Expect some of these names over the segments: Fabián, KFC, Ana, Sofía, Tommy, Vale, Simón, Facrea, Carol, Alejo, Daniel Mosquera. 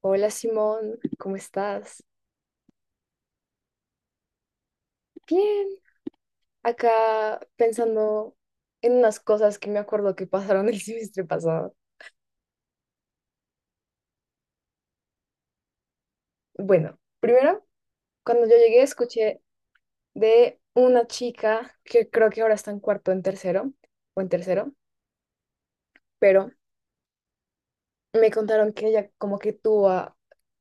Hola Simón, ¿cómo estás? Bien, acá pensando en unas cosas que me acuerdo que pasaron el semestre pasado. Bueno, primero, cuando yo llegué escuché de una chica que creo que ahora está en cuarto en tercero o en tercero, pero me contaron que ella como que tuvo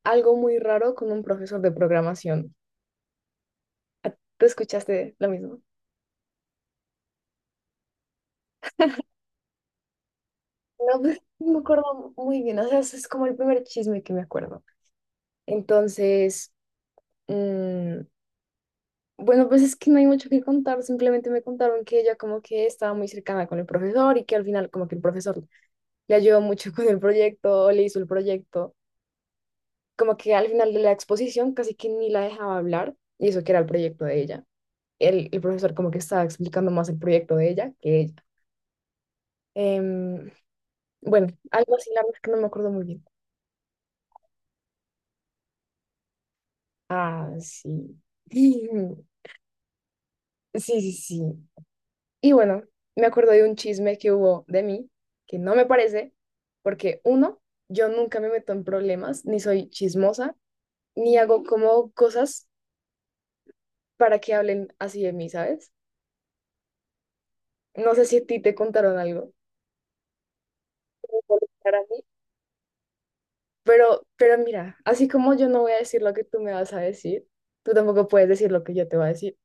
algo muy raro con un profesor de programación. ¿Tú escuchaste lo mismo? No, pues no me acuerdo muy bien, o sea, ese es como el primer chisme que me acuerdo. Entonces, bueno, pues es que no hay mucho que contar, simplemente me contaron que ella como que estaba muy cercana con el profesor y que al final como que el profesor le ayudó mucho con el proyecto, o le hizo el proyecto, como que al final de la exposición casi que ni la dejaba hablar y eso que era el proyecto de ella. El profesor como que estaba explicando más el proyecto de ella que ella. Em, bueno, algo así, la verdad es que no me acuerdo muy bien. Ah, sí. Sí, sí, sí. Y bueno, me acuerdo de un chisme que hubo de mí, que no me parece, porque uno, yo nunca me meto en problemas, ni soy chismosa, ni hago como cosas para que hablen así de mí, ¿sabes? No sé si a ti te contaron algo, como por estar a mí, pero mira, así como yo no voy a decir lo que tú me vas a decir, tú tampoco puedes decir lo que yo te voy a decir.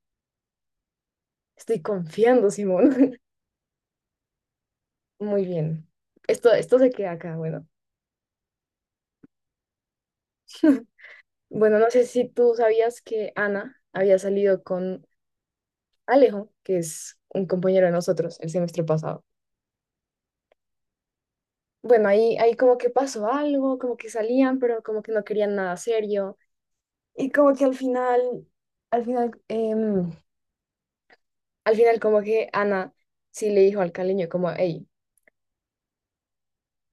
Estoy confiando, Simón. Muy bien. Esto se queda acá, bueno. Bueno, no sé si tú sabías que Ana había salido con Alejo, que es un compañero de nosotros el semestre pasado. Bueno, ahí como que pasó algo, como que salían, pero como que no querían nada serio. Y como que al final, al final, em, al final como que Ana sí le dijo al caleño como, hey,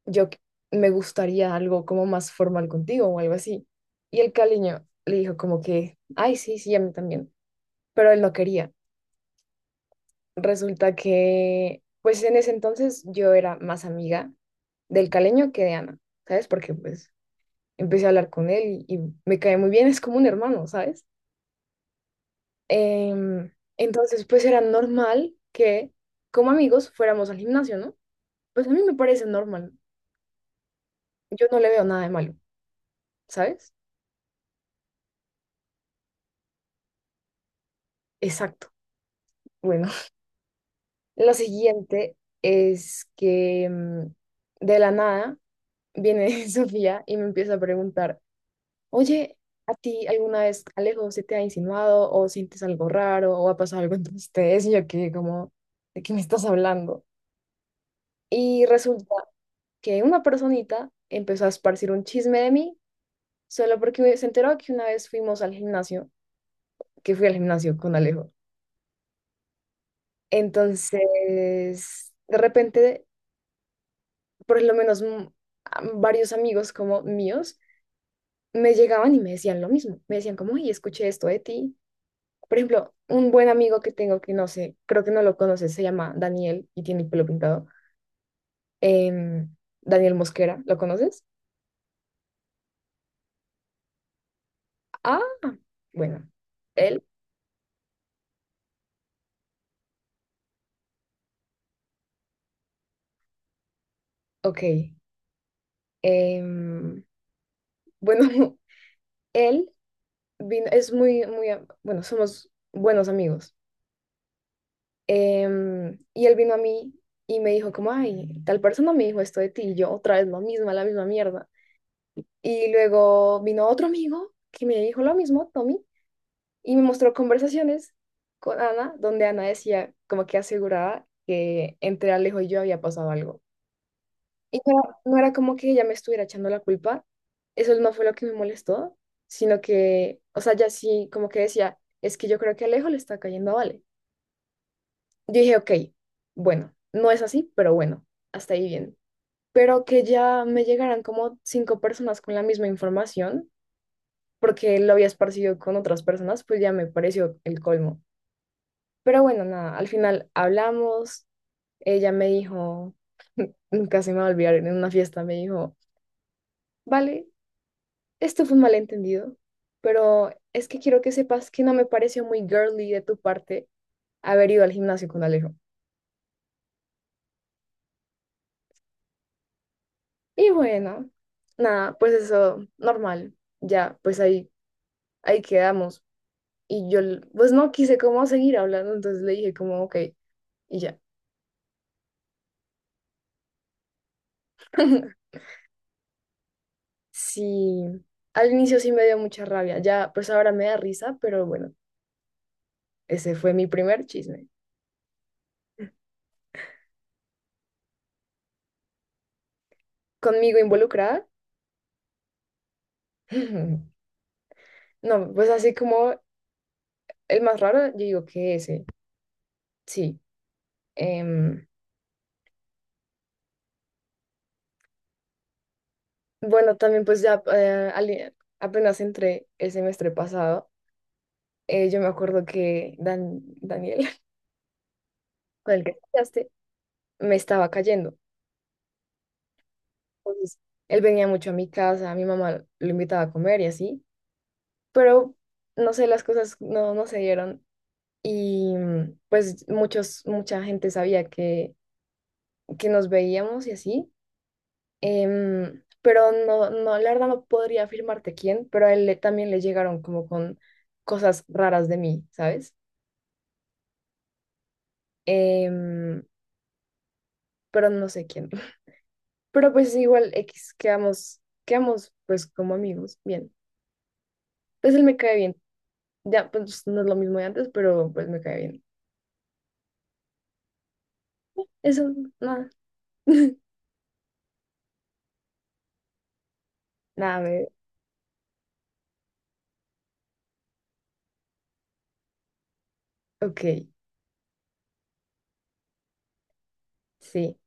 yo qu- me gustaría algo como más formal contigo o algo así. Y el caleño le dijo como que, ay, sí, sí, a mí también. Pero él no quería. Resulta que, pues en ese entonces yo era más amiga del caleño que de Ana, ¿sabes? Porque pues empecé a hablar con él y me cae muy bien, es como un hermano, ¿sabes? Em, entonces, pues era normal que como amigos fuéramos al gimnasio, ¿no? Pues a mí me parece normal, yo no le veo nada de malo, ¿sabes? Exacto. Bueno, lo siguiente es que de la nada viene Sofía y me empieza a preguntar. Oye, ¿a ti alguna vez Alejo se te ha insinuado o sientes algo raro o ha pasado algo entre ustedes? Y yo que como, ¿de qué me estás hablando? Y resulta que una personita empezó a esparcir un chisme de mí solo porque se enteró que una vez fuimos al gimnasio, que fui al gimnasio con Alejo. Entonces, de repente, por lo menos varios amigos como míos me llegaban y me decían lo mismo. Me decían como, oye, escuché esto de ti. Por ejemplo, un buen amigo que tengo que no sé, creo que no lo conoces, se llama Daniel y tiene el pelo pintado. Em, Daniel Mosquera, ¿lo conoces? Ah, bueno, él, ok. Em, bueno, él vino, es muy, muy, bueno, somos buenos amigos. Y él vino a mí y me dijo como, ay, tal persona me dijo esto de ti y yo otra vez lo mismo, la misma mierda. Y luego vino otro amigo que me dijo lo mismo, Tommy, y me mostró conversaciones con Ana, donde Ana decía como que aseguraba que entre Alejo y yo había pasado algo. Y no era como que ella me estuviera echando la culpa, eso no fue lo que me molestó, sino que, o sea, ya sí como que decía, es que yo creo que Alejo le está cayendo a Vale. Yo dije, ok, bueno, no es así, pero bueno, hasta ahí bien. Pero que ya me llegaran como cinco personas con la misma información, porque lo había esparcido con otras personas, pues ya me pareció el colmo. Pero bueno, nada, al final hablamos, ella me dijo, nunca se me va a olvidar, en una fiesta me dijo, vale, esto fue un malentendido, pero es que quiero que sepas que no me pareció muy girly de tu parte haber ido al gimnasio con Alejo. Y bueno, nada, pues eso, normal, ya, pues ahí quedamos. Y yo, pues no quise como seguir hablando, entonces le dije como, ok, y ya. Sí, al inicio sí me dio mucha rabia, ya, pues ahora me da risa, pero bueno. Ese fue mi primer chisme. Conmigo involucrada. No, pues así como el más raro, yo digo que ese, sí. Em, bueno, también pues ya apenas entré el semestre pasado, yo me acuerdo que Daniel, con el que estudiaste, me estaba cayendo. Entonces, él venía mucho a mi casa, mi mamá lo invitaba a comer y así, pero no sé, las cosas no se dieron y pues mucha gente sabía que nos veíamos y así, pero no, no, la verdad no podría afirmarte quién, pero a también le llegaron como con cosas raras de mí, ¿sabes? Em, pero no sé quién. Pero pues igual X, quedamos pues como amigos, bien. Pues él me cae bien. Ya, pues no es lo mismo de antes, pero pues me cae bien. Eso, nada, nada, me... Ok, sí,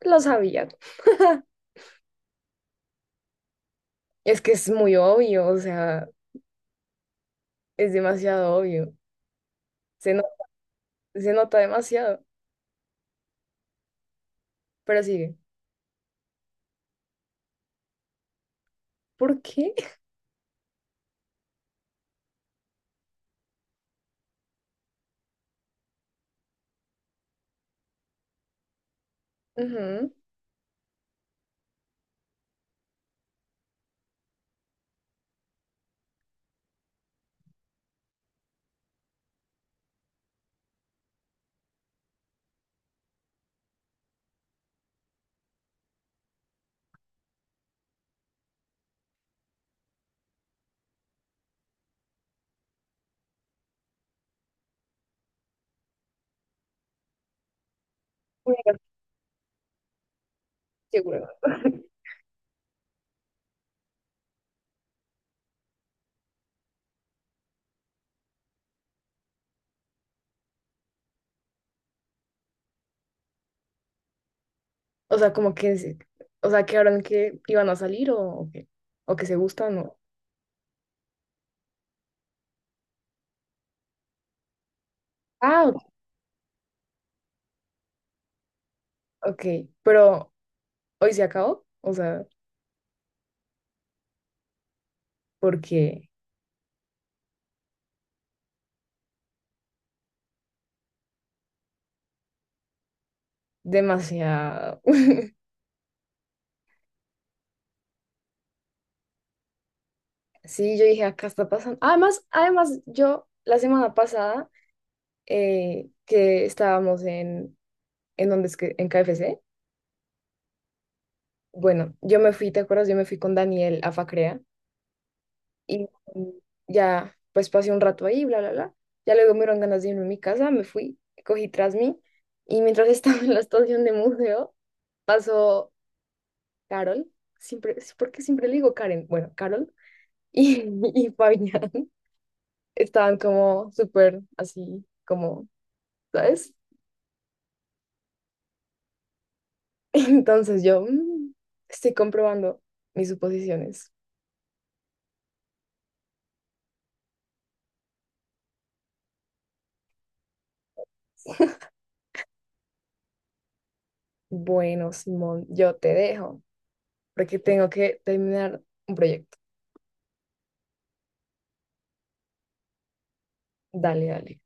lo sabía. Es que es muy obvio, o sea, es demasiado obvio. Se, no- Se nota demasiado. Pero sigue. ¿Por qué? Ujú. Bueno, qué hueva. O sea, o sea, que ahora que iban a salir o qué, o que se gustan o... Ah, ok, pero hoy se acabó, o sea, porque demasiado. Sí, yo dije, acá está pasando. Además, además, yo la semana pasada que estábamos en donde es que, en KFC, bueno, yo me fui, ¿te acuerdas? Yo me fui con Daniel a Facrea. Y mm, ya, pues pasé un rato ahí, bla, bla, bla. Ya luego me dieron ganas de irme a mi casa, me fui, cogí tras mí. Y mientras estaba en la estación de museo, pasó Carol. Siempre, ¿por qué siempre le digo Karen? Bueno, Carol y, y Fabián estaban como súper así, como, ¿sabes? Entonces yo estoy comprobando mis suposiciones. Bueno, Simón, yo te dejo porque tengo que terminar un proyecto. Dale, dale.